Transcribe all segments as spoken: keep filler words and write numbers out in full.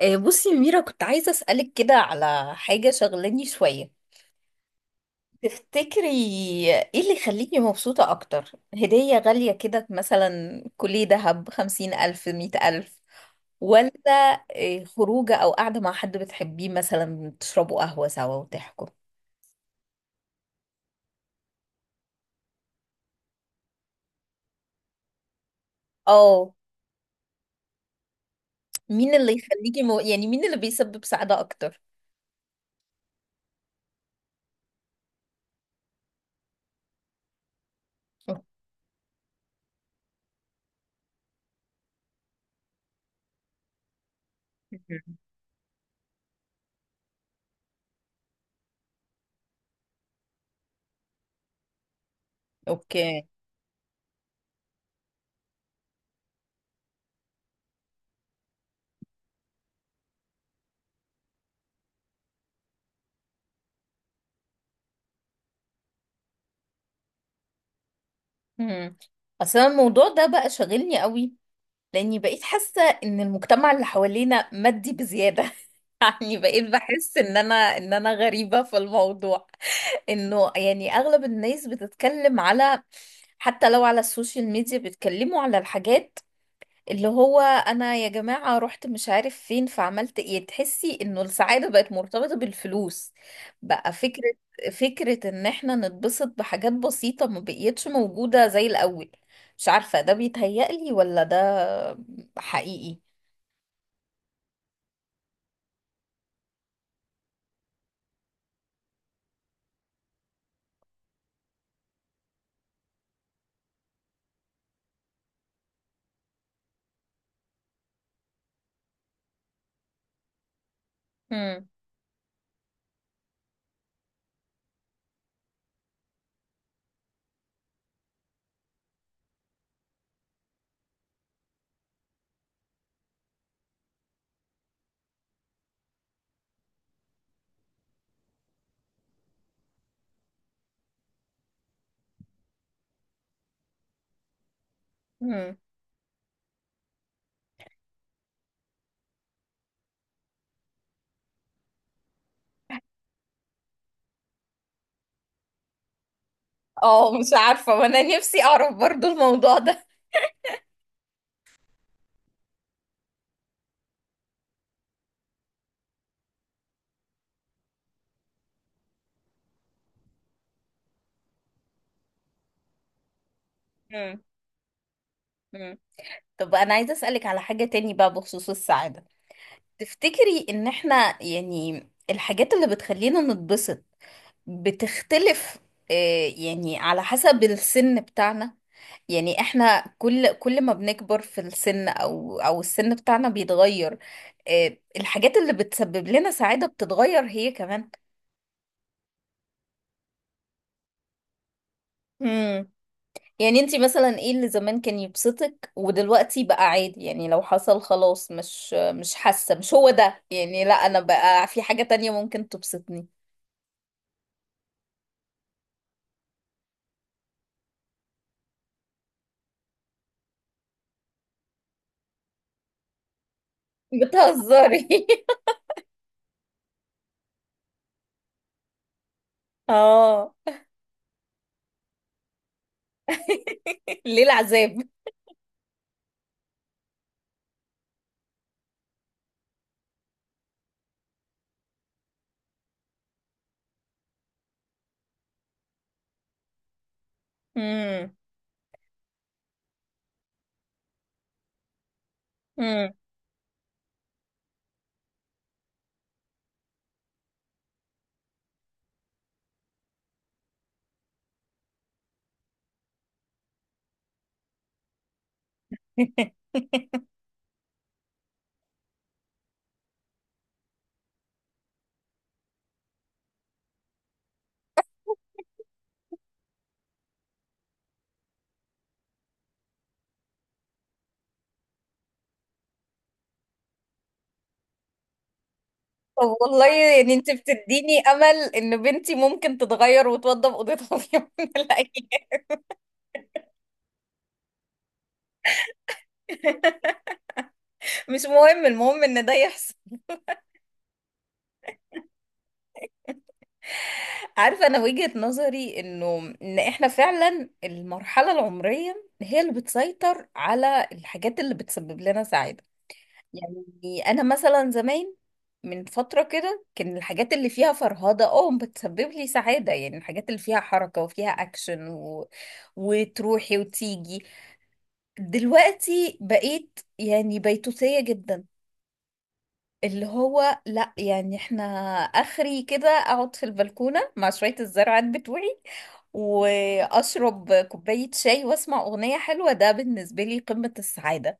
آه، بصي يا ميرا، كنت عايزة أسألك كده على حاجة شغلاني شوية. تفتكري ايه اللي يخليكي مبسوطة أكتر؟ هدية غالية كده مثلا كلية دهب، خمسين ألف، مية ألف، ولا آه، خروجة أو قاعدة مع حد بتحبيه، مثلا تشربوا قهوة سوا وتحكوا؟ اه. مين اللي يخليكي مو... يعني مين اللي بيسبب سعادة أكتر؟ أوكي. أوكي. مم. أصل أنا الموضوع ده بقى شاغلني قوي، لاني بقيت حاسه ان المجتمع اللي حوالينا مادي بزياده. يعني بقيت بحس ان انا ان انا غريبه في الموضوع، انه يعني اغلب الناس بتتكلم على، حتى لو على السوشيال ميديا، بيتكلموا على الحاجات، اللي هو انا يا جماعة رحت مش عارف فين فعملت ايه. تحسي انه السعادة بقت مرتبطة بالفلوس، بقى فكرة. فكرة ان احنا نتبسط بحاجات بسيطة ما بقيتش موجودة زي الاول. مش عارفة، ده بيتهيألي ولا ده حقيقي؟ مم. مم. اه، مش عارفة، وانا نفسي اعرف برضو الموضوع ده. مم. مم. طب انا عايزة اسألك على حاجة تاني بقى بخصوص السعادة. تفتكري ان احنا يعني الحاجات اللي بتخلينا نتبسط بتختلف، آه، يعني على حسب السن بتاعنا؟ يعني احنا كل كل ما بنكبر في السن، او او السن بتاعنا بيتغير، آه، الحاجات اللي بتسبب لنا سعادة بتتغير هي كمان. امم. يعني انتي مثلا ايه اللي زمان كان يبسطك ودلوقتي بقى عادي؟ يعني لو حصل خلاص مش مش حاسة مش هو ده، يعني لا انا بقى في حاجة تانية ممكن تبسطني. بتهزري؟ اه. ليه العذاب؟ امم. طب والله، يعني انت بتديني امل ان بنتي ممكن تتغير وتوضب اوضتها في يوم من الايام. مش مهم، المهم ان ده يحصل. عارفه، انا وجهة نظري انه ان احنا فعلا المرحله العمريه هي اللي بتسيطر على الحاجات اللي بتسبب لنا سعاده. يعني انا مثلا زمان، من فتره كده، كان الحاجات اللي فيها فرهده، اه، بتسبب لي سعاده، يعني الحاجات اللي فيها حركه وفيها اكشن و... وتروحي وتيجي. دلوقتي بقيت يعني بيتوتية جدا، اللي هو لا يعني احنا اخري كده اقعد في البلكونة مع شوية الزرعات بتوعي، واشرب كوباية شاي، واسمع اغنية حلوة، ده بالنسبة لي قمة السعادة.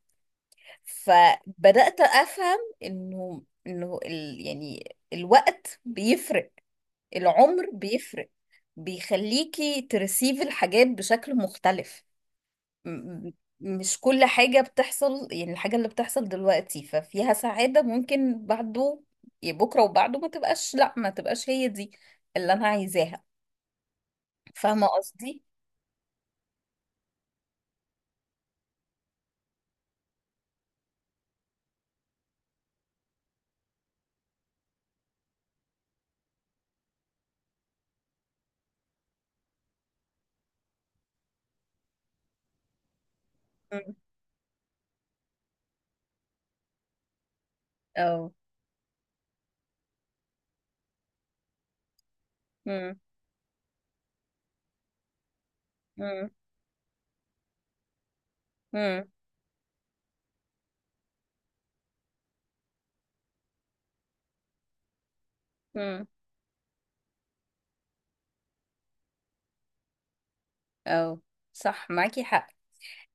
فبدأت افهم انه انه ال يعني الوقت بيفرق، العمر بيفرق، بيخليكي ترسيف الحاجات بشكل مختلف. م- مش كل حاجة بتحصل، يعني الحاجة اللي بتحصل دلوقتي ففيها سعادة، ممكن بعده يعني بكرة وبعده ما تبقاش، لا ما تبقاش هي دي اللي أنا عايزاها. فاهمة قصدي؟ مم. أو. مم. مم. مم. مم. أو، صح، معاكي حق.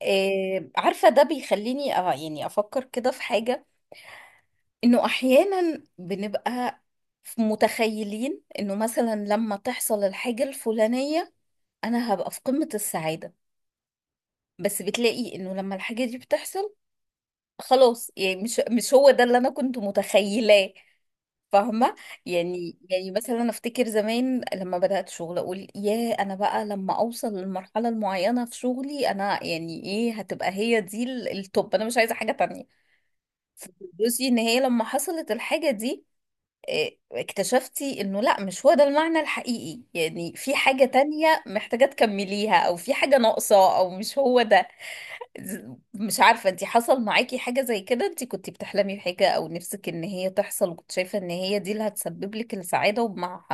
إيه، عارفة ده بيخليني أه يعني أفكر كده في حاجة، إنه أحيانا بنبقى متخيلين إنه مثلا لما تحصل الحاجة الفلانية أنا هبقى في قمة السعادة، بس بتلاقي انه لما الحاجة دي بتحصل، خلاص يعني مش مش هو ده اللي انا كنت متخيلاه. فاهمة؟ يعني يعني مثلا انا افتكر زمان لما بدأت شغل اقول يا انا بقى لما اوصل للمرحلة المعينة في شغلي، انا يعني ايه، هتبقى هي دي ال- التوب، انا مش عايزة حاجة تانية. فبصي ان هي لما حصلت الحاجة دي، إيه، اكتشفتي انه لا مش هو ده المعنى الحقيقي، يعني في حاجة تانية محتاجة تكمليها، او في حاجة ناقصة، او مش هو ده. ز- مش عارفة انتي حصل معاكي حاجة زي كده؟ انتي كنتي بتحلمي بحاجة او نفسك ان هي تحصل وكنت شايفة ان هي دي اللي هتسبب لك السعادة، ومع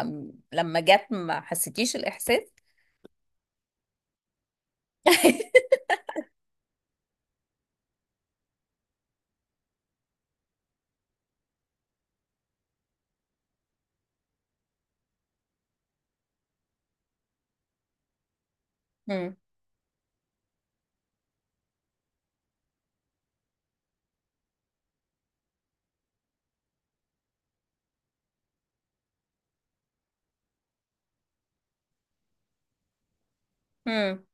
لما جت ما حسيتيش الاحساس؟ امم. امم.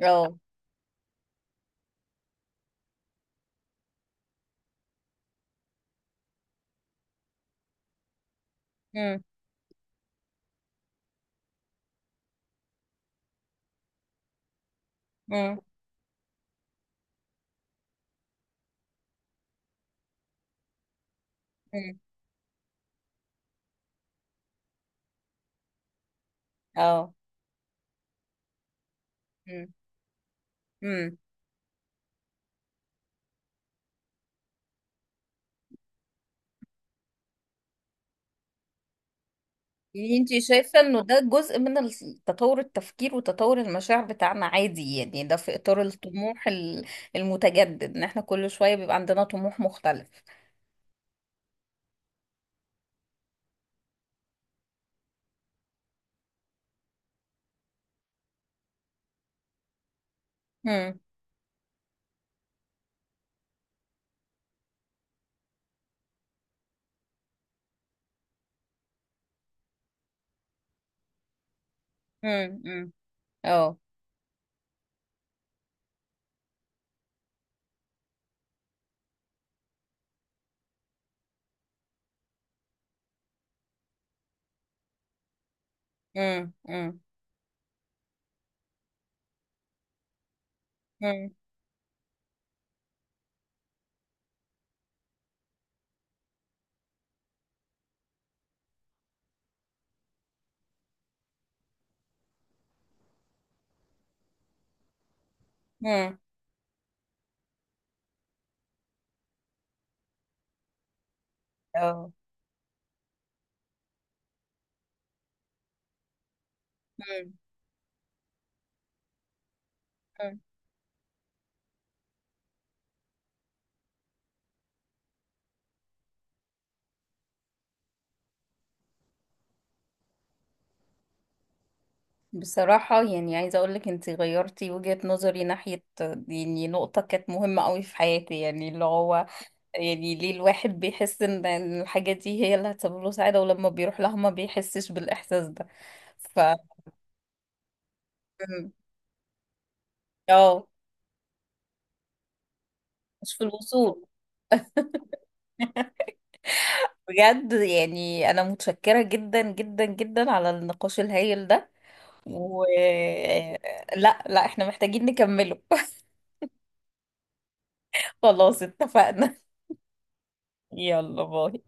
اه. امم. امم. امم. اه. امم. امم. يعني انتي شايفة انه ده جزء من ال- تطور التفكير وتطور المشاعر بتاعنا عادي، يعني ده في اطار الطموح ال- المتجدد، ان احنا كل شوية بيبقى عندنا طموح مختلف؟ امم. امم. امم. اه. مم. مم. مم. مم. اه. مم. مم. بصراحة يعني عايزة أقولك أنتي غيرتي وجهة نظري ناحية يعني نقطة كانت مهمة قوي في حياتي، يعني اللي هو يعني ليه الواحد بيحس إن إن الحاجة دي هي اللي هتسبب له سعادة، ولما بيروح لها ما بيحسش بالإحساس ده؟ ف مم. اه. مش في الوصول. بجد يعني أنا متشكرة جدا جدا جدا على النقاش الهايل ده، و آه، لا لا، احنا محتاجين نكمله. خلاص اتفقنا. يلا، باي.